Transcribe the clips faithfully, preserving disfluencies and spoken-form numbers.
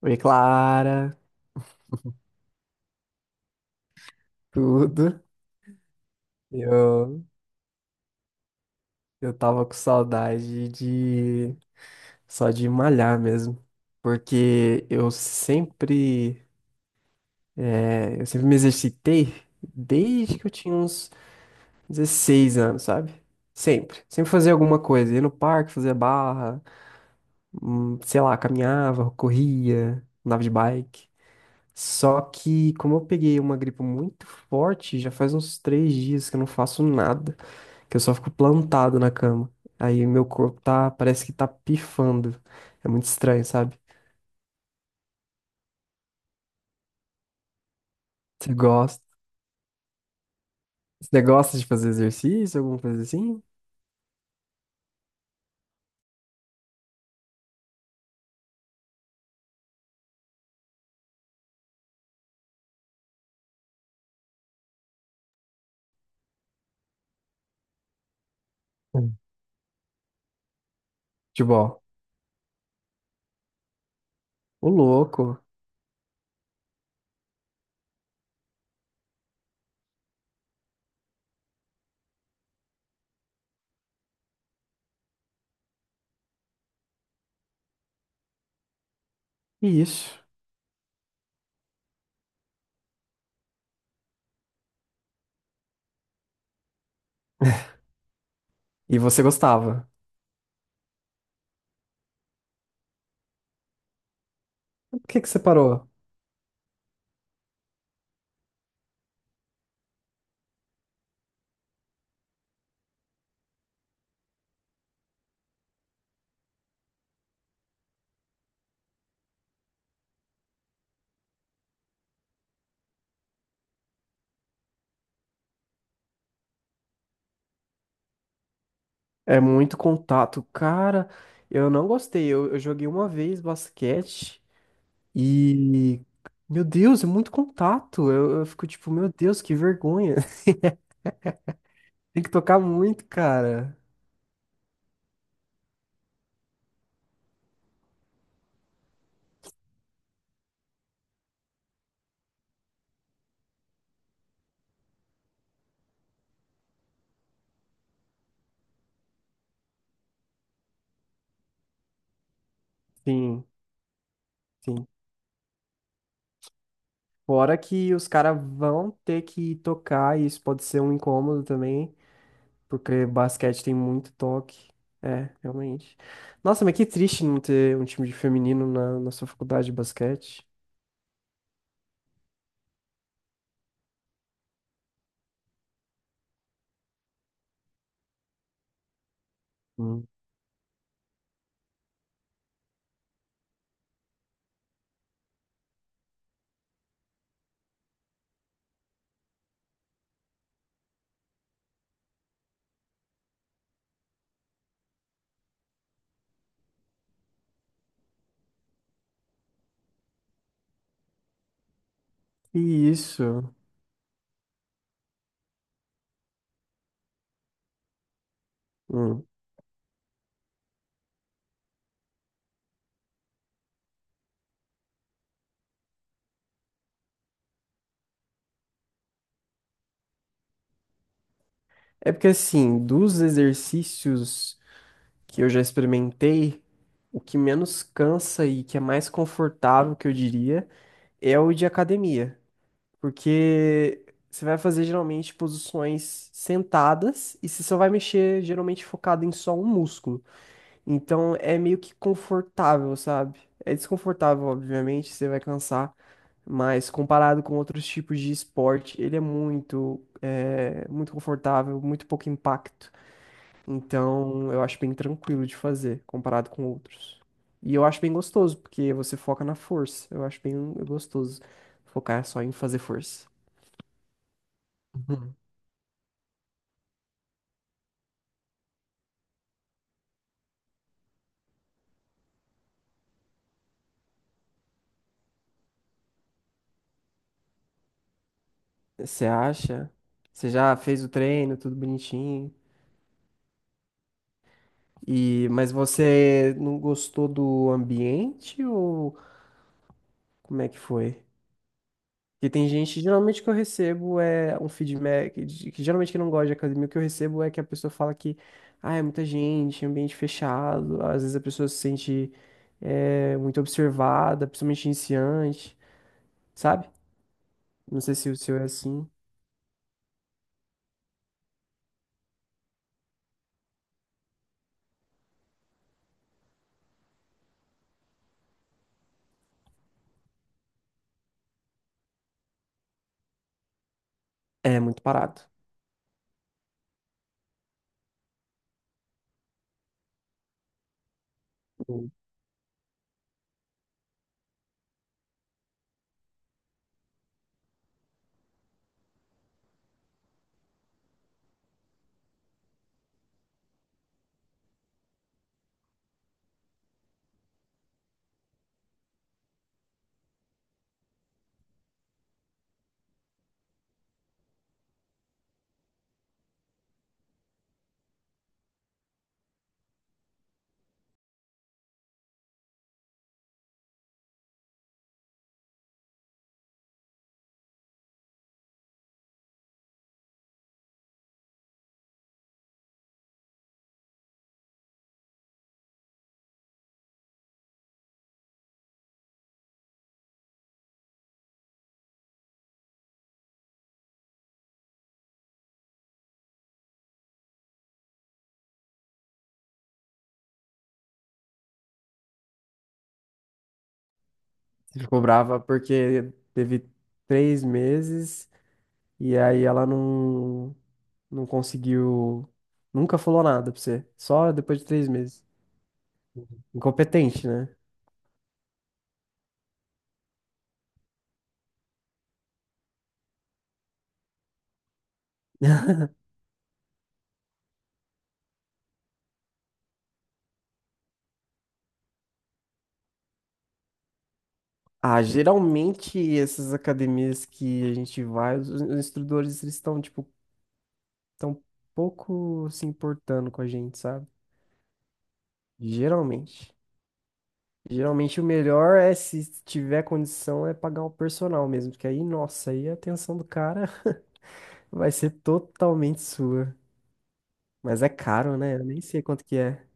Oi, Clara, tudo? Eu, eu tava com saudade de só de malhar mesmo, porque eu sempre, é, eu sempre me exercitei desde que eu tinha uns dezesseis anos, sabe? Sempre, sempre fazia alguma coisa, ia no parque, fazia barra, hum, sei lá, caminhava, corria, andava de bike. Só que como eu peguei uma gripe muito forte, já faz uns três dias que eu não faço nada. Que eu só fico plantado na cama. Aí meu corpo tá, parece que tá pifando. É muito estranho, sabe? Você gosta, você gosta de fazer exercício, alguma coisa assim? Hum. Futebol. Ô, louco. Isso. E você gostava? Por que que você parou? É muito contato. Cara, eu não gostei. Eu, eu joguei uma vez basquete e. Meu Deus, é muito contato. Eu, eu fico tipo, meu Deus, que vergonha. Tem que tocar muito, cara. Sim, sim. Fora que os caras vão ter que tocar, e isso pode ser um incômodo também, porque basquete tem muito toque. É, realmente. Nossa, mas que triste não ter um time de feminino na, na sua faculdade de basquete. Hum. Que isso. Hum. É porque, assim, dos exercícios que eu já experimentei, o que menos cansa e que é mais confortável, que eu diria, é o de academia. Porque você vai fazer geralmente posições sentadas e você só vai mexer geralmente focado em só um músculo. Então é meio que confortável, sabe? É desconfortável, obviamente, você vai cansar, mas comparado com outros tipos de esporte, ele é muito, é, muito confortável, muito pouco impacto. Então eu acho bem tranquilo de fazer comparado com outros. E eu acho bem gostoso, porque você foca na força. Eu acho bem gostoso focar só em fazer força. Você acha? Você já fez o treino, tudo bonitinho. E mas você não gostou do ambiente ou como é que foi? Porque tem gente, geralmente que eu recebo é um feedback, de- que geralmente que não gosta de academia, o que eu recebo é que a pessoa fala que, ah, é muita gente, ambiente fechado, às vezes a pessoa se sente é, muito observada, principalmente iniciante, sabe? Não sei se o seu é assim. É muito parado. Ficou brava porque teve três meses e aí ela não, não conseguiu. Nunca falou nada pra você. Só depois de três meses. Incompetente, né? Ah, geralmente essas academias que a gente vai, os, os instrutores eles estão, tipo, tão pouco se importando com a gente, sabe? Geralmente. Geralmente o melhor é, se tiver condição, é pagar o personal mesmo, porque aí, nossa, aí a atenção do cara vai ser totalmente sua. Mas é caro, né? Eu nem sei quanto que é.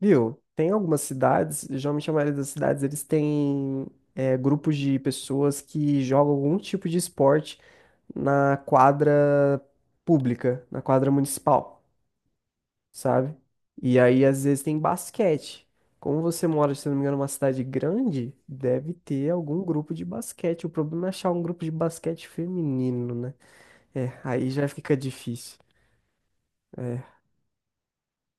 Viu? Tem algumas cidades, geralmente a maioria das cidades, eles têm é, grupos de pessoas que jogam algum tipo de esporte na quadra pública, na quadra municipal, sabe? E aí, às vezes, tem basquete. Como você mora, se não me engano, numa cidade grande, deve ter algum grupo de basquete. O problema é achar um grupo de basquete feminino, né? É, aí já fica difícil. É,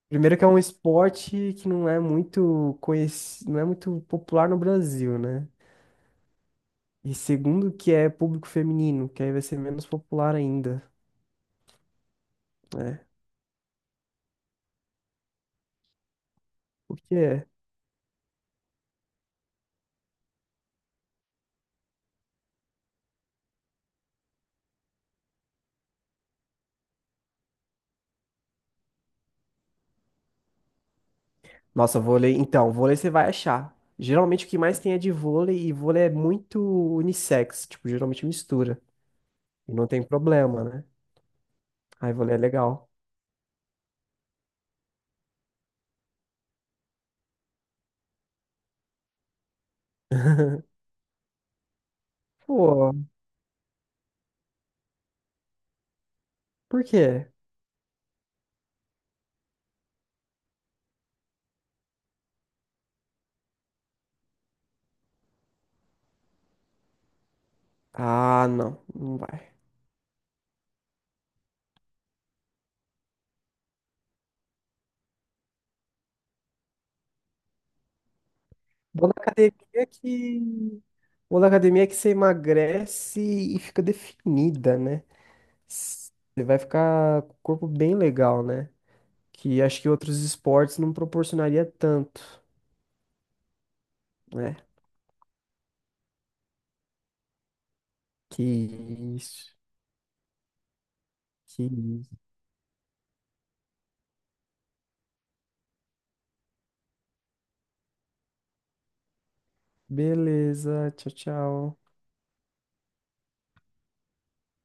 primeiro que é um esporte que não é muito conhecido, não é muito popular no Brasil, né? E segundo que é público feminino, que aí vai ser menos popular ainda, né? O que é? Nossa, vôlei, então, vôlei você vai achar. Geralmente o que mais tem é de vôlei e vôlei é muito unissex, tipo, geralmente mistura. E não tem problema, né? Aí vôlei é legal. Pô, por quê? Ah, não, não vai. Vou na academia que o da academia é que você emagrece e fica definida, né? S- Você vai ficar com o corpo bem legal, né? Que acho que outros esportes não proporcionaria tanto, né? Que isso. Que isso. Beleza. Tchau, tchau.